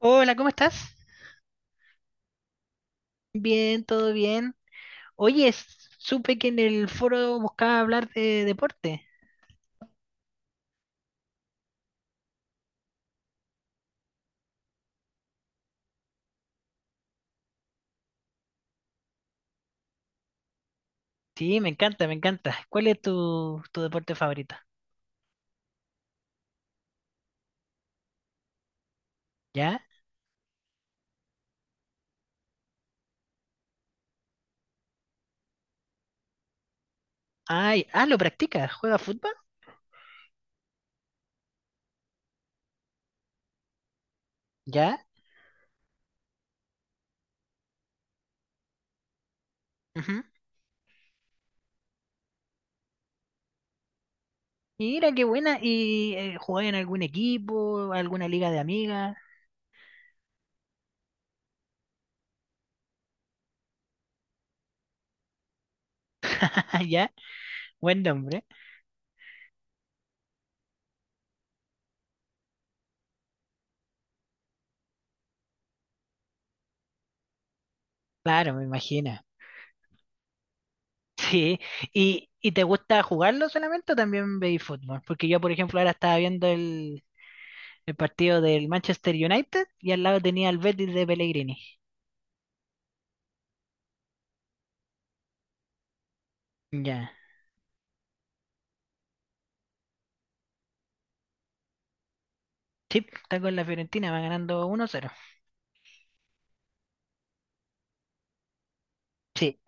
Hola, ¿cómo estás? Bien, todo bien. Oye, supe que en el foro buscaba hablar de deporte. Sí, me encanta, me encanta. ¿Cuál es tu deporte favorito? ¿Ya? Ay, ah, ¿lo practicas? ¿Juega fútbol? ¿Ya? Ujú. Mira, qué buena. ¿Y jugás en algún equipo, alguna liga de amigas? ¿Ya? Buen nombre. Claro, me imagino. Sí. ¿Y te gusta jugarlo solamente o también veis fútbol? Porque yo, por ejemplo, ahora estaba viendo el partido del Manchester United y al lado tenía el Betis de Pellegrini. Ya. Sí, está con la Fiorentina, va ganando 1-0. Sí.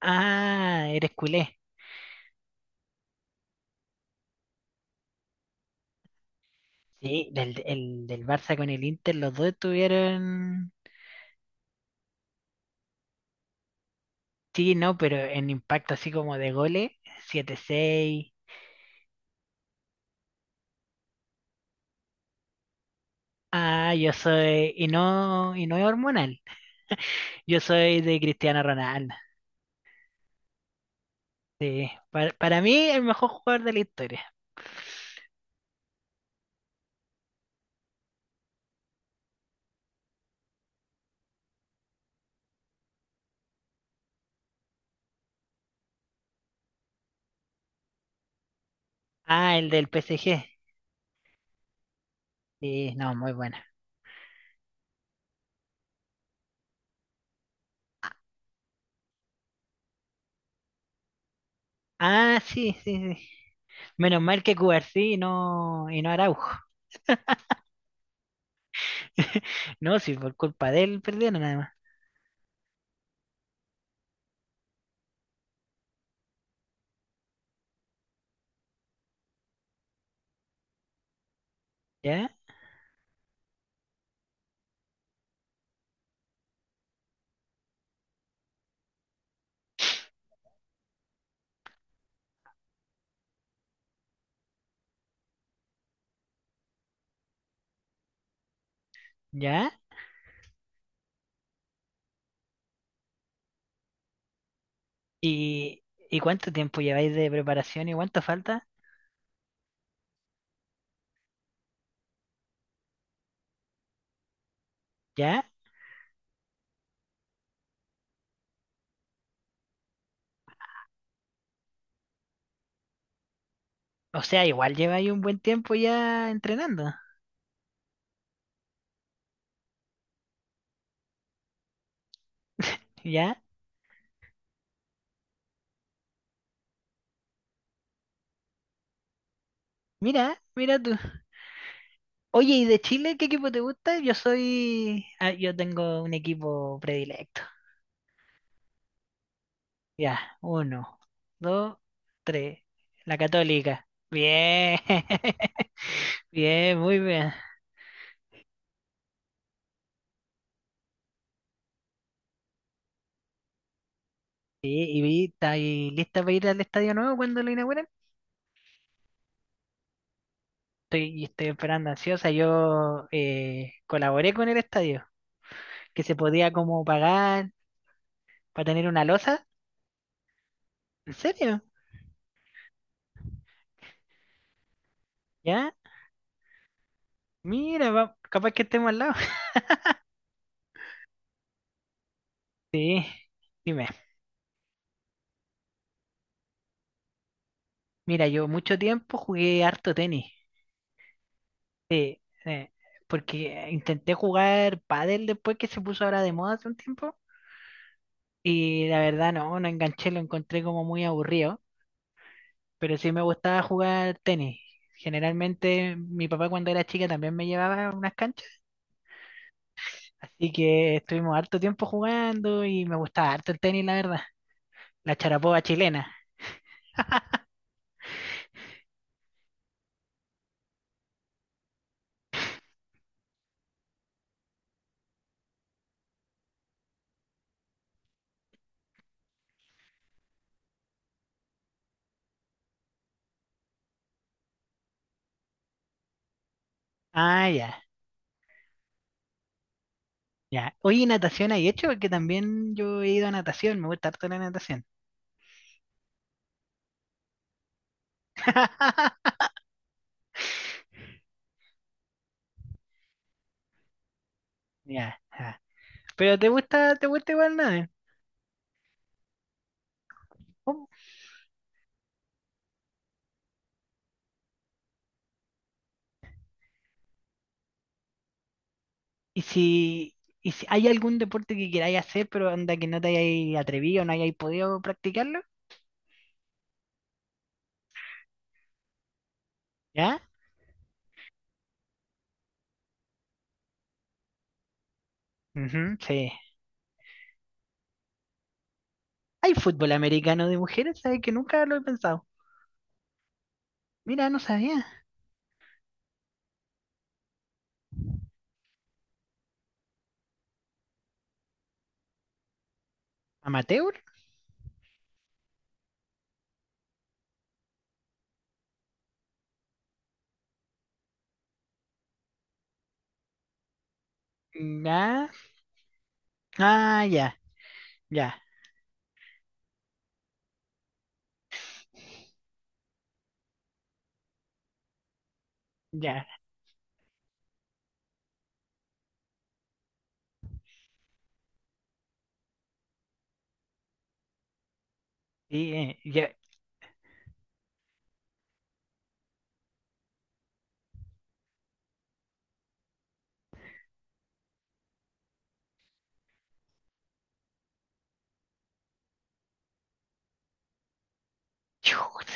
Ah, eres culé. Sí, del Barça con el Inter, los dos estuvieron. Sí, no, pero en impacto así como de goles, 7-6. Ah, yo soy. Y no es hormonal. Yo soy de Cristiano Ronaldo. Sí. Para mí, el mejor jugador de la historia. Ah, el del PSG. Sí, no, muy bueno. Ah, sí, sí, sí. Menos mal que Cubarsí y no Araujo. No, sí, por culpa de él perdieron nada más. ¿Ya? ¿Ya? ¿Y, y cuánto tiempo lleváis de preparación y cuánto falta? ¿Ya? O sea, igual lleváis un buen tiempo ya entrenando. ¿Ya? Mira, mira tú. Oye, ¿y de Chile qué equipo te gusta? Yo soy... Ah, yo tengo un equipo predilecto. Ya, uno, dos, tres. La católica. Bien. Bien, muy bien. Sí, y vi, ¿está ahí lista para ir al estadio nuevo cuando lo inauguren? Estoy esperando ansiosa. Yo colaboré con el estadio, que se podía como pagar para tener una losa. ¿En serio? ¿Ya? Mira, capaz que estemos al lado. Sí, dime. Mira, yo mucho tiempo jugué harto tenis. Sí, sí, porque intenté jugar pádel después que se puso ahora de moda hace un tiempo y la verdad no, no enganché, lo encontré como muy aburrido, pero sí me gustaba jugar tenis. Generalmente mi papá cuando era chica también me llevaba a unas canchas, así que estuvimos harto tiempo jugando y me gustaba harto el tenis, la verdad. La charapoba chilena. Ah, ya, ya. Oye, ¿y natación hay hecho? Porque también yo he ido a natación, me gusta harto la natación. Ya, ya. Pero te gusta igual nada. Y si, y si hay algún deporte que queráis hacer, pero anda que no te hayáis atrevido, no hayáis podido practicarlo, ¿ya? Ujú, sí. ¿Hay fútbol americano de mujeres? ¿Sabes que nunca lo he pensado? Mira, no sabía. ¿Amateur? Ya. Ah, ya, ya, ya. Sí, ya. Chut.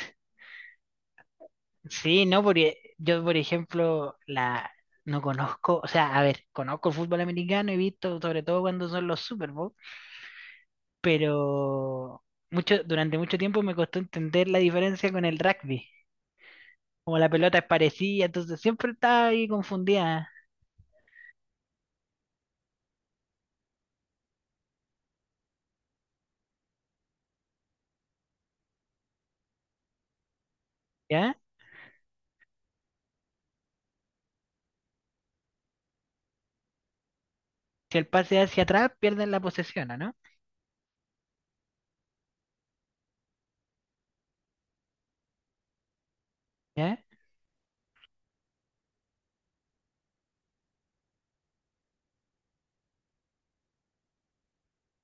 Sí, no, porque yo, por ejemplo, la no conozco, o sea, a ver, conozco el fútbol americano, he visto sobre todo cuando son los Super Bowl, pero mucho, durante mucho tiempo me costó entender la diferencia con el rugby. Como la pelota es parecida, entonces siempre estaba ahí confundida, ¿ya? Si el pase hacia atrás, pierden la posesión, ¿o no? ¿Ya?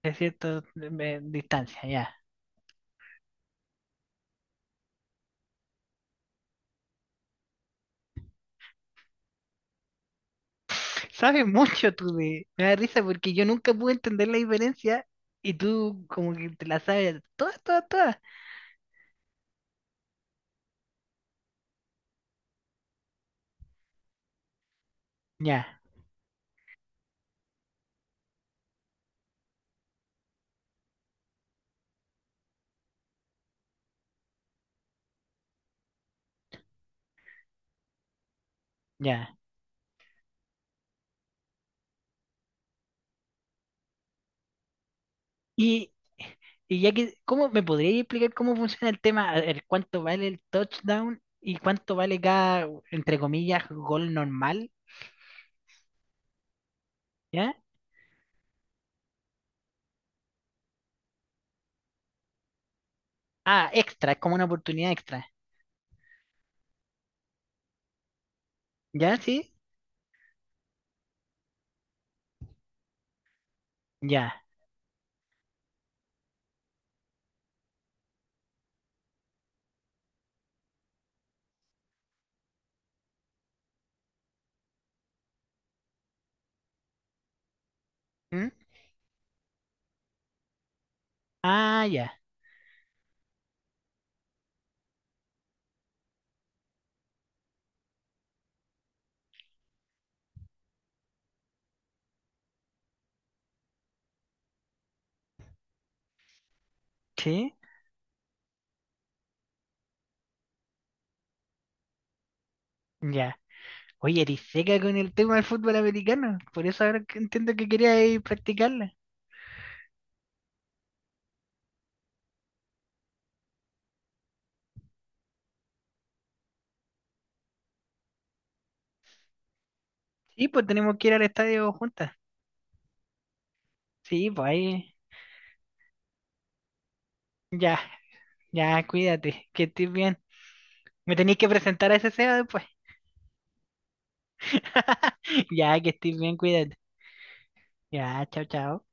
De cierta distancia, ya. Sabes mucho tú de... Me da risa porque yo nunca pude entender la diferencia y tú como que te la sabes todas, todas, todas. Ya, ya. Y, y ya que, ¿cómo me podrías explicar cómo funciona el tema? A ver, ¿cuánto vale el touchdown y cuánto vale cada, entre comillas, gol normal? ¿Ya? Ah, extra, es como una oportunidad extra. ¿Ya? ¿Sí? Ya. ¿Mm? Ah, ya. ¿Sí? Ya. Oye, eres seca con el tema del fútbol americano. Por eso ahora que entiendo que querías ir practicarla. Sí, pues tenemos que ir al estadio juntas. Sí, pues ahí. Ya, ya, cuídate, que estés bien. Me tenéis que presentar a ese SEA después. Ya, que estés bien, cuídate. Ya, chao, chao.